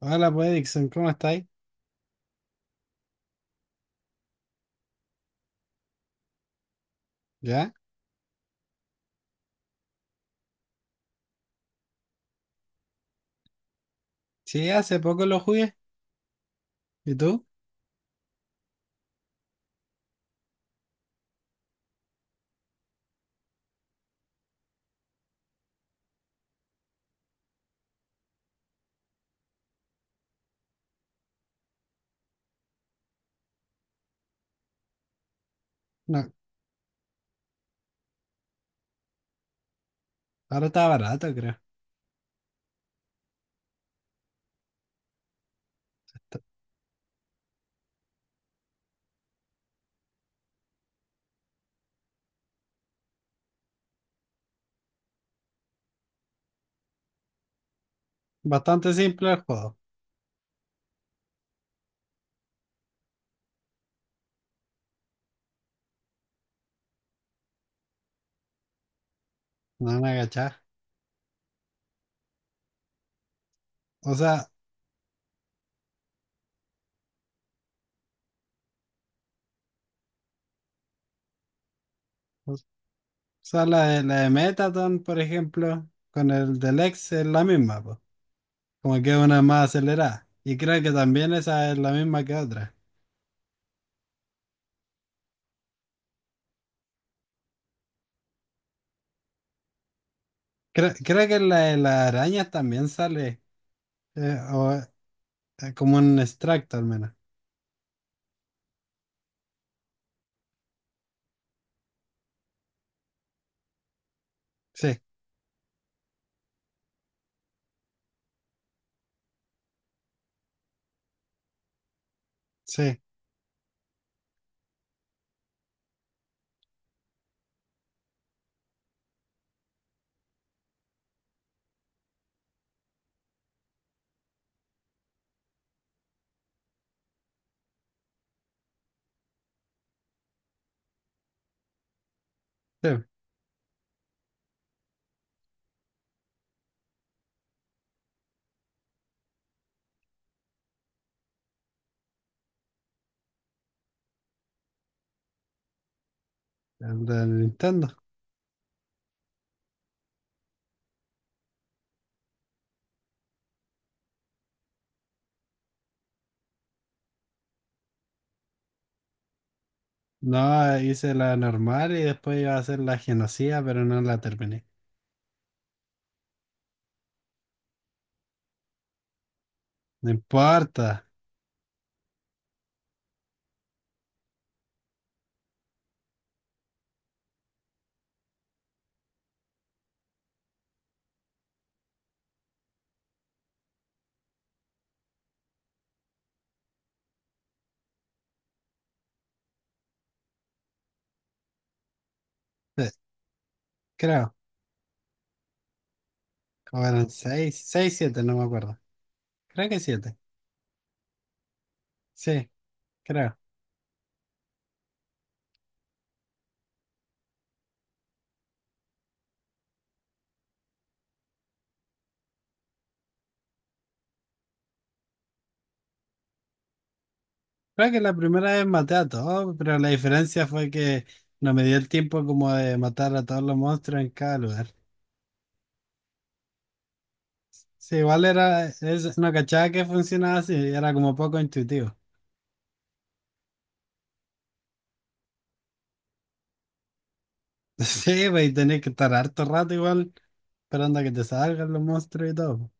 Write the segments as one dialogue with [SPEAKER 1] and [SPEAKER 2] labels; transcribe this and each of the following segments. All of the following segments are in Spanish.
[SPEAKER 1] Hola, pues Dixon, ¿cómo estáis? ¿Ya? Sí, hace poco lo jugué. ¿Y tú? No, ahora está barato, creo. Está bastante simple el juego. No me agachás. O sea, o sea, la de Metaton, por ejemplo, con el del ex es la misma, pues. Como que una es más acelerada. Y creo que también esa es la misma que otra. Creo que la de las arañas también sale. O, como un extracto al menos. Sí, sí, sí. El del Nintendo. No, hice la normal y después iba a hacer la genocida, pero no la terminé. No importa. Sí, creo. O eran seis, seis, siete, no me acuerdo. Creo que siete. Sí, creo. Creo que la primera vez maté a todos, pero la diferencia fue que no me dio el tiempo como de matar a todos los monstruos en cada lugar. Sí, igual era, es, no cachaba que funcionaba así, era como poco intuitivo. Sí, pues y tenés que estar harto rato igual esperando a que te salgan los monstruos y todo.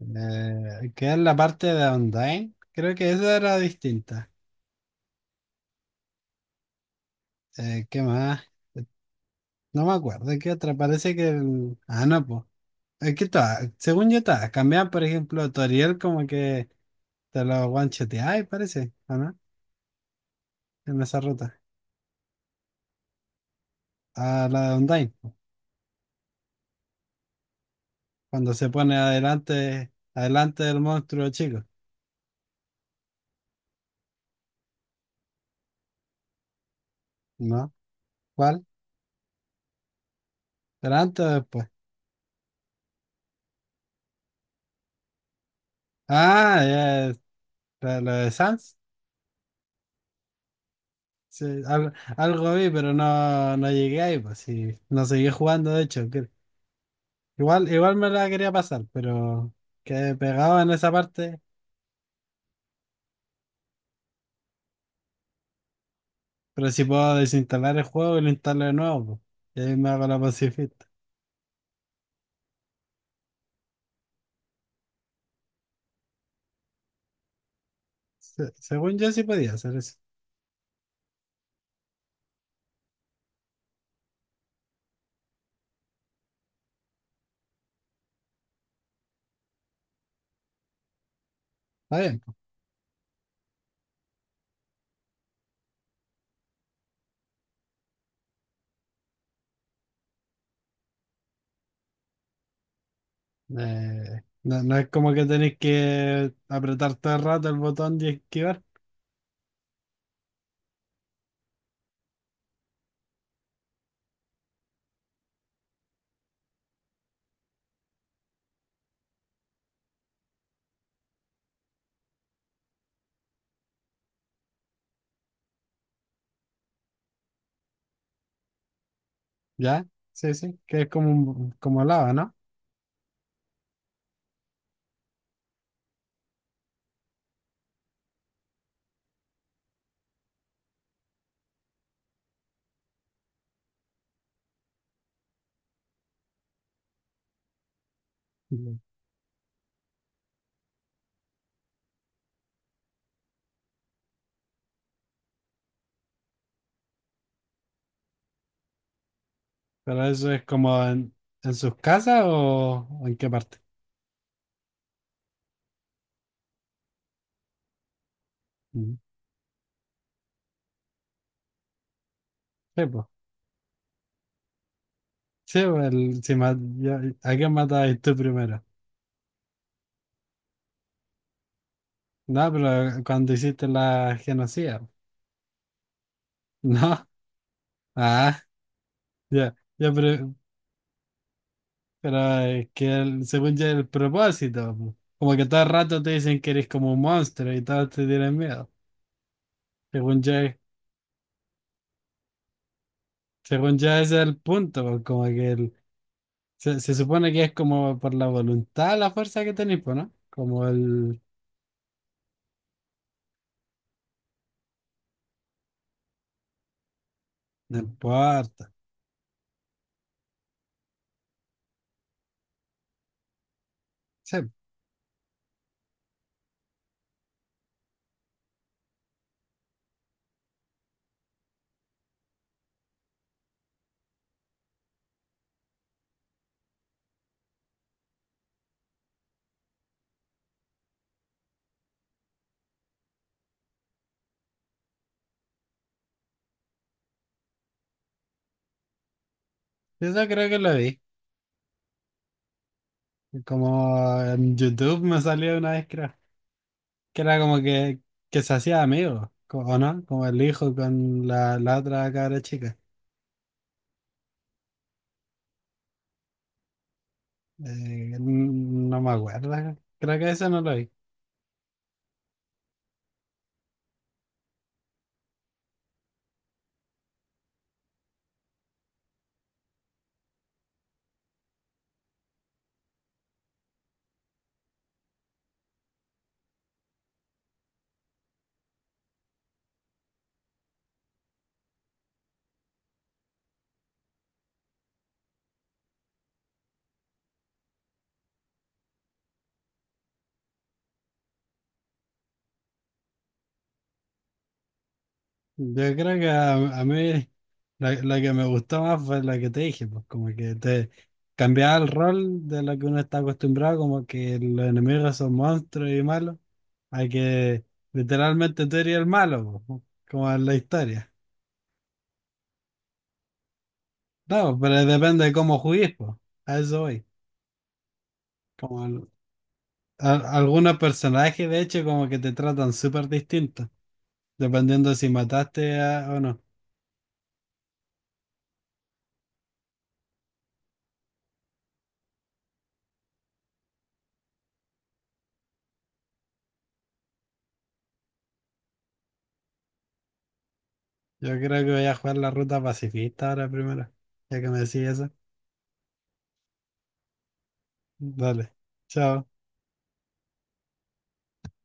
[SPEAKER 1] Queda en la parte de Undyne. Creo que esa era distinta. ¿Qué más? Eh, No me acuerdo. ¿Qué otra? Parece que el... Ah, no, pues. Es que todas, según yo todas, cambiaban, por ejemplo, Toriel como que te lo one-shoteaba, parece, ¿o no? En esa ruta. A la de Undyne, po. Cuando se pone adelante, adelante del monstruo chico, ¿no? ¿Cuál? ¿Pero antes o después? Ah, ya, la la de Sans. Sí, al- algo vi, pero no, no llegué ahí, pues sí. No seguí jugando, de hecho. Que- igual, igual me la quería pasar, pero quedé pegado en esa parte. Pero si puedo desinstalar el juego y lo instalo de nuevo, pues. Y ahí me hago la pacifista. Se- según yo sí podía hacer eso. Está bien, pues. No, no es como que tenéis que apretar todo el rato el botón de esquivar. ¿Ya? Sí, sí. Que es como un, como lava, ¿no? Ujú. Pero eso es como en sus casas o en qué parte. Sí, pues. Sí, pues, el- si ma- ya- ¿a quién matabas tú primero? No, pero cuando hiciste la genocida. No. Ah, ya. Ya, pero es que el- según ya el propósito, pues. Como que todo el rato te dicen que eres como un monstruo y todos te tienen miedo. Según ya, según ya ese es el punto, pues, como que el- se supone que es como por la voluntad, la fuerza que tenéis, pues, ¿no? Como el... No importa. Sí, eso creo que lo vi. Como en YouTube me salió una vez, creo, que era como que se hacía amigo, co- ¿o no? Como el hijo con la, la otra cabra chica. No me acuerdo, creo que eso no lo vi. Yo creo que a mí la que me gustó más fue la que te dije, pues como que te cambiaba el rol de lo que uno está acostumbrado, como que los enemigos son monstruos y malos, a que literalmente tú eres el malo, pues, como en la historia. No, pero depende de cómo juegues, pues. A eso voy. Como al- a- algunos personajes, de hecho, como que te tratan súper distinto, dependiendo si mataste a- o no. Yo creo que voy a jugar la ruta pacifista ahora primero, ya que me decís eso. Dale, chao.